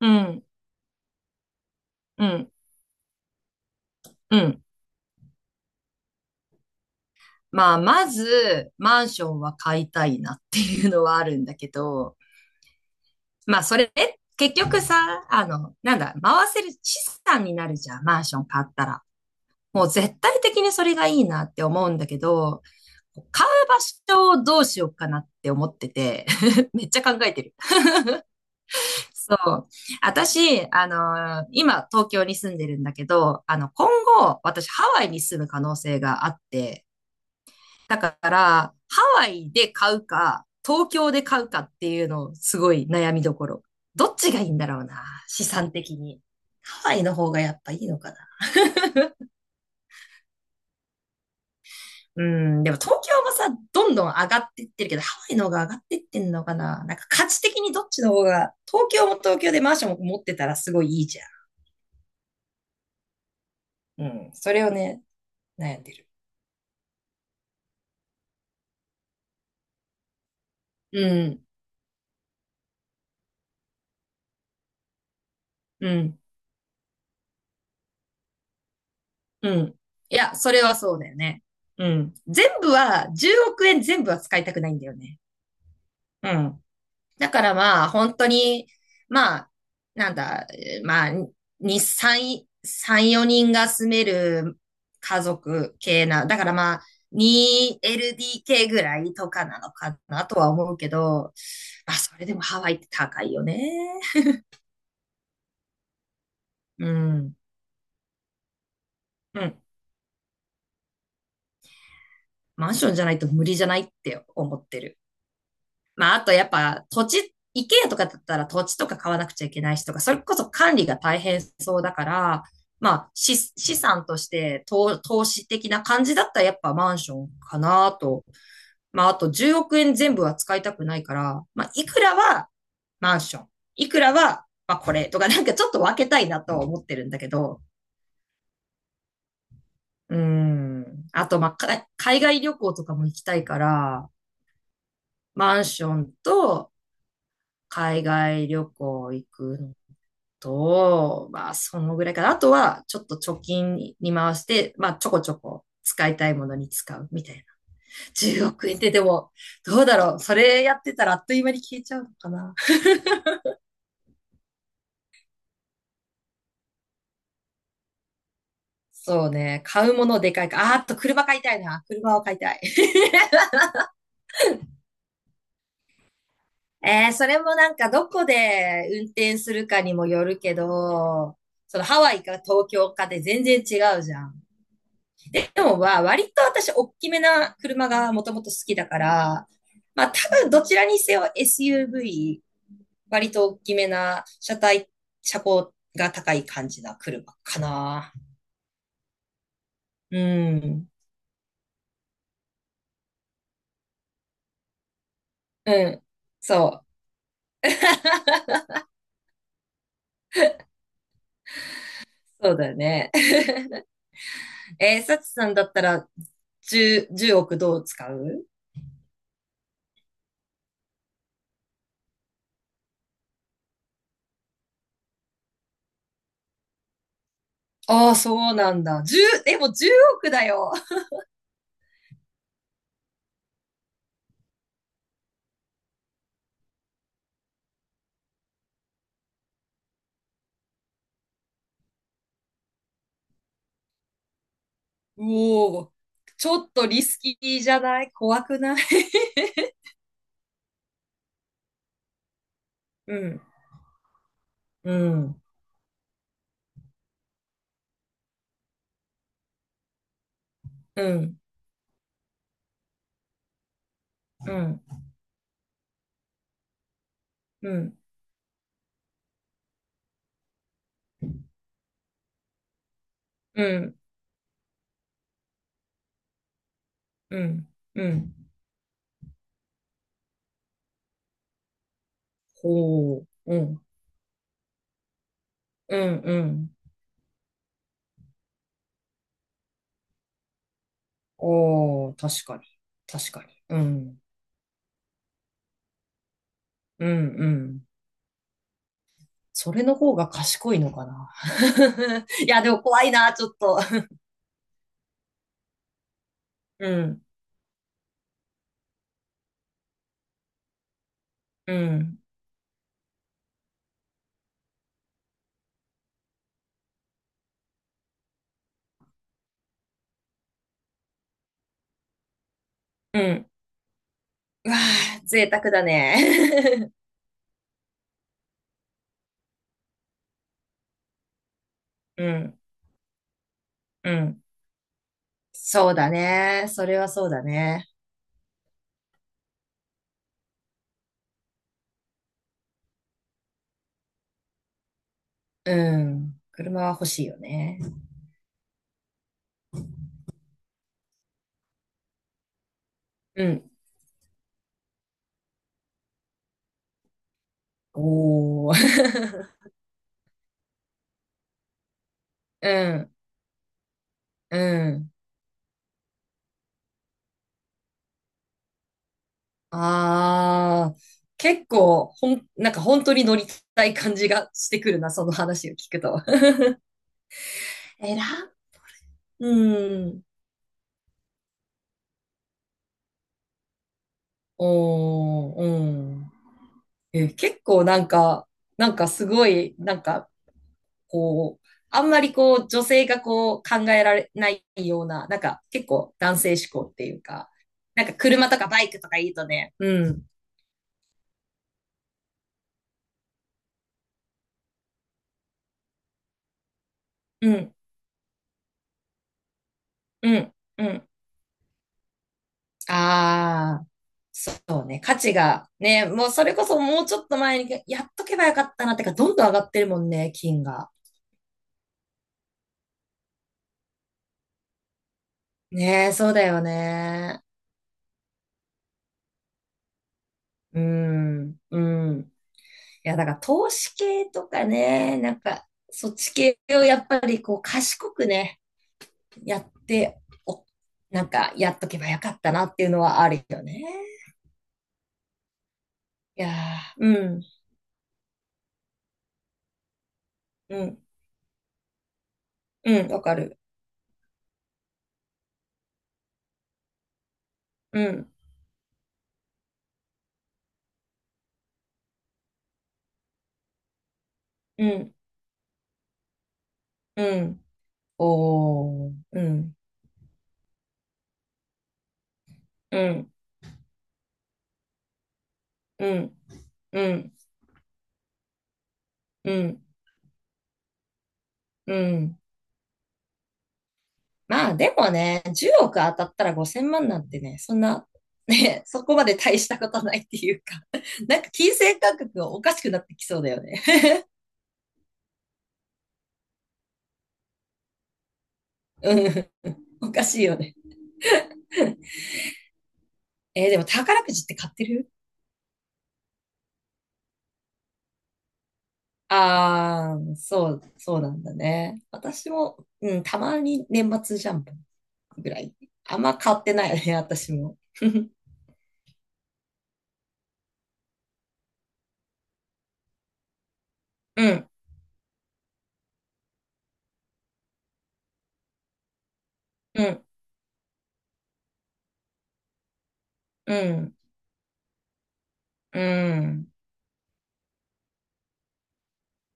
うん、うん、うん。まあ、まず、マンションは買いたいなっていうのはあるんだけど、まあ、それ、結局さ、あの、なんだ、回せる資産になるじゃん、マンション買ったら。もう絶対的にそれがいいなって思うんだけど、買う場所をどうしようかなって思ってて、めっちゃ考えてる。そう。私、今東京に住んでるんだけど、今後、私ハワイに住む可能性があって、だから、ハワイで買うか、東京で買うかっていうの、すごい悩みどころ。どっちがいいんだろうな、資産的に。ハワイの方がやっぱいいのかな。うん、でも東京もさ、どんどん上がってってるけど、ハワイの方が上がってってんのかな。なんか価値的にどっちの方が、東京も東京でマンションも持ってたらすごいいいじゃん。うん、それをね、悩んでる。うん、うん、うん。いや、それはそうだよね。うん。全部は、10億円全部は使いたくないんだよね。うん。だからまあ、本当に、まあ、なんだ、まあ、三、四人が住める家族系な、だからまあ、2LDK ぐらいとかなのかなとは思うけど、まあ、それでもハワイって高いよね。うん。うん。マンションじゃないと無理じゃないって思ってる。まあ、あとやっぱ土地、イケアとかだったら土地とか買わなくちゃいけないしとか、それこそ管理が大変そうだから、まあ、資産として投資的な感じだったらやっぱマンションかなと。まあ、あと10億円全部は使いたくないから、まあ、いくらはマンション、いくらは、まあ、これとか、なんかちょっと分けたいなとは思ってるんだけど、うん。あと、まあ、海外旅行とかも行きたいから、マンションと海外旅行行くのと、まあ、そのぐらいかな。あとは、ちょっと貯金に回して、まあ、ちょこちょこ使いたいものに使うみたいな。10億円ってでも、どうだろう。それやってたらあっという間に消えちゃうのかな。そうね。買うものでかいか。あーっと、車買いたいな。車を買いたい。それもなんか、どこで運転するかにもよるけど、そのハワイか東京かで全然違うじゃん。でもは、割と私、大きめな車がもともと好きだから、まあ、多分どちらにせよ SUV、割と大きめな車体、車高が高い感じな車かな。うん。うん。そう。そうだよね。サチさんだったら、10、億どう使う？ああ、そうなんだ。1でも10億だよ。うおお、ちょっとリスキーじゃない？怖くない？ うん。うん。うん。うん、うん、うん、うん、うん。ほう、うん、うん、うん。おー、確かに、確かに。うん、うん、うん。それの方が賢いのかな。いや、でも怖いな、ちょっと。うん、うん、うん。うわあ、贅沢だね。うん、うん。そうだね。それはそうだね。うん。車は欲しいよね。うん。おー。うん、うん。ああ、結構、なんか本当に乗りたい感じがしてくるな、その話を聞くと。えらうん。おー、うん。え、結構なんか、なんかすごい、なんか、こう、あんまりこう、女性がこう、考えられないような、なんか結構男性思考っていうか、なんか車とかバイクとかいいとね、うん、うん、うん、うん。ああ。そうね、価値がね、もうそれこそもうちょっと前にやっとけばよかったなってか、どんどん上がってるもんね、金が。ねえ、そうだよね。うん、うん。いや、だから投資系とかね、なんか、そっち系をやっぱりこう、賢くね、やって、お、なんか、やっとけばよかったなっていうのはあるよね。いやー、うん、うん、うん、わかる。うん、うん、うん。おー、うん、うん、うん、うん。うん、うん。まあでもね、10億当たったら5000万なんてね、そんな、ね、そこまで大したことないっていうか、なんか金銭感覚がおかしくなってきそうだよね。うん、おかしいよね。でも宝くじって買ってる？ああー、そう、そうなんだね。私も、うん、たまに年末ジャンプぐらい。あんま買ってないよね、私も。うん、うん、うん、うん。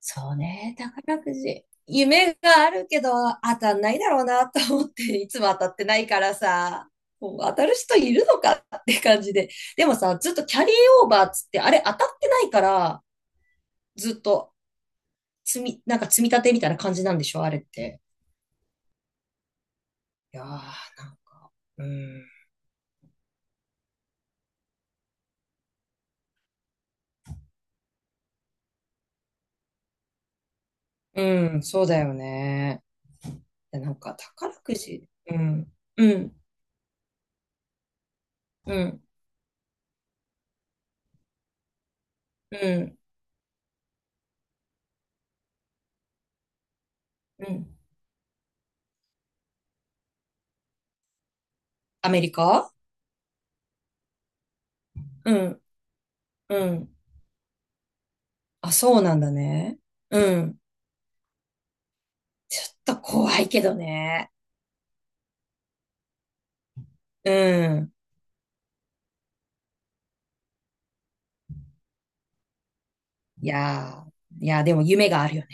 そうね、宝くじ。夢があるけど当たんないだろうなと思って、いつも当たってないからさ、もう当たる人いるのかって感じで。でもさ、ずっとキャリーオーバーっつって、あれ当たってないから、ずっとなんか積み立てみたいな感じなんでしょ、あれって。いやー、うん。うん、そうだよね。でなんか宝くじ。うん、うん、うん、うん、うん。アメリカ。うん、うん。あ、そうなんだね。うん。ちょっと怖いけどね。うん。いやー、いやー、でも夢があるよね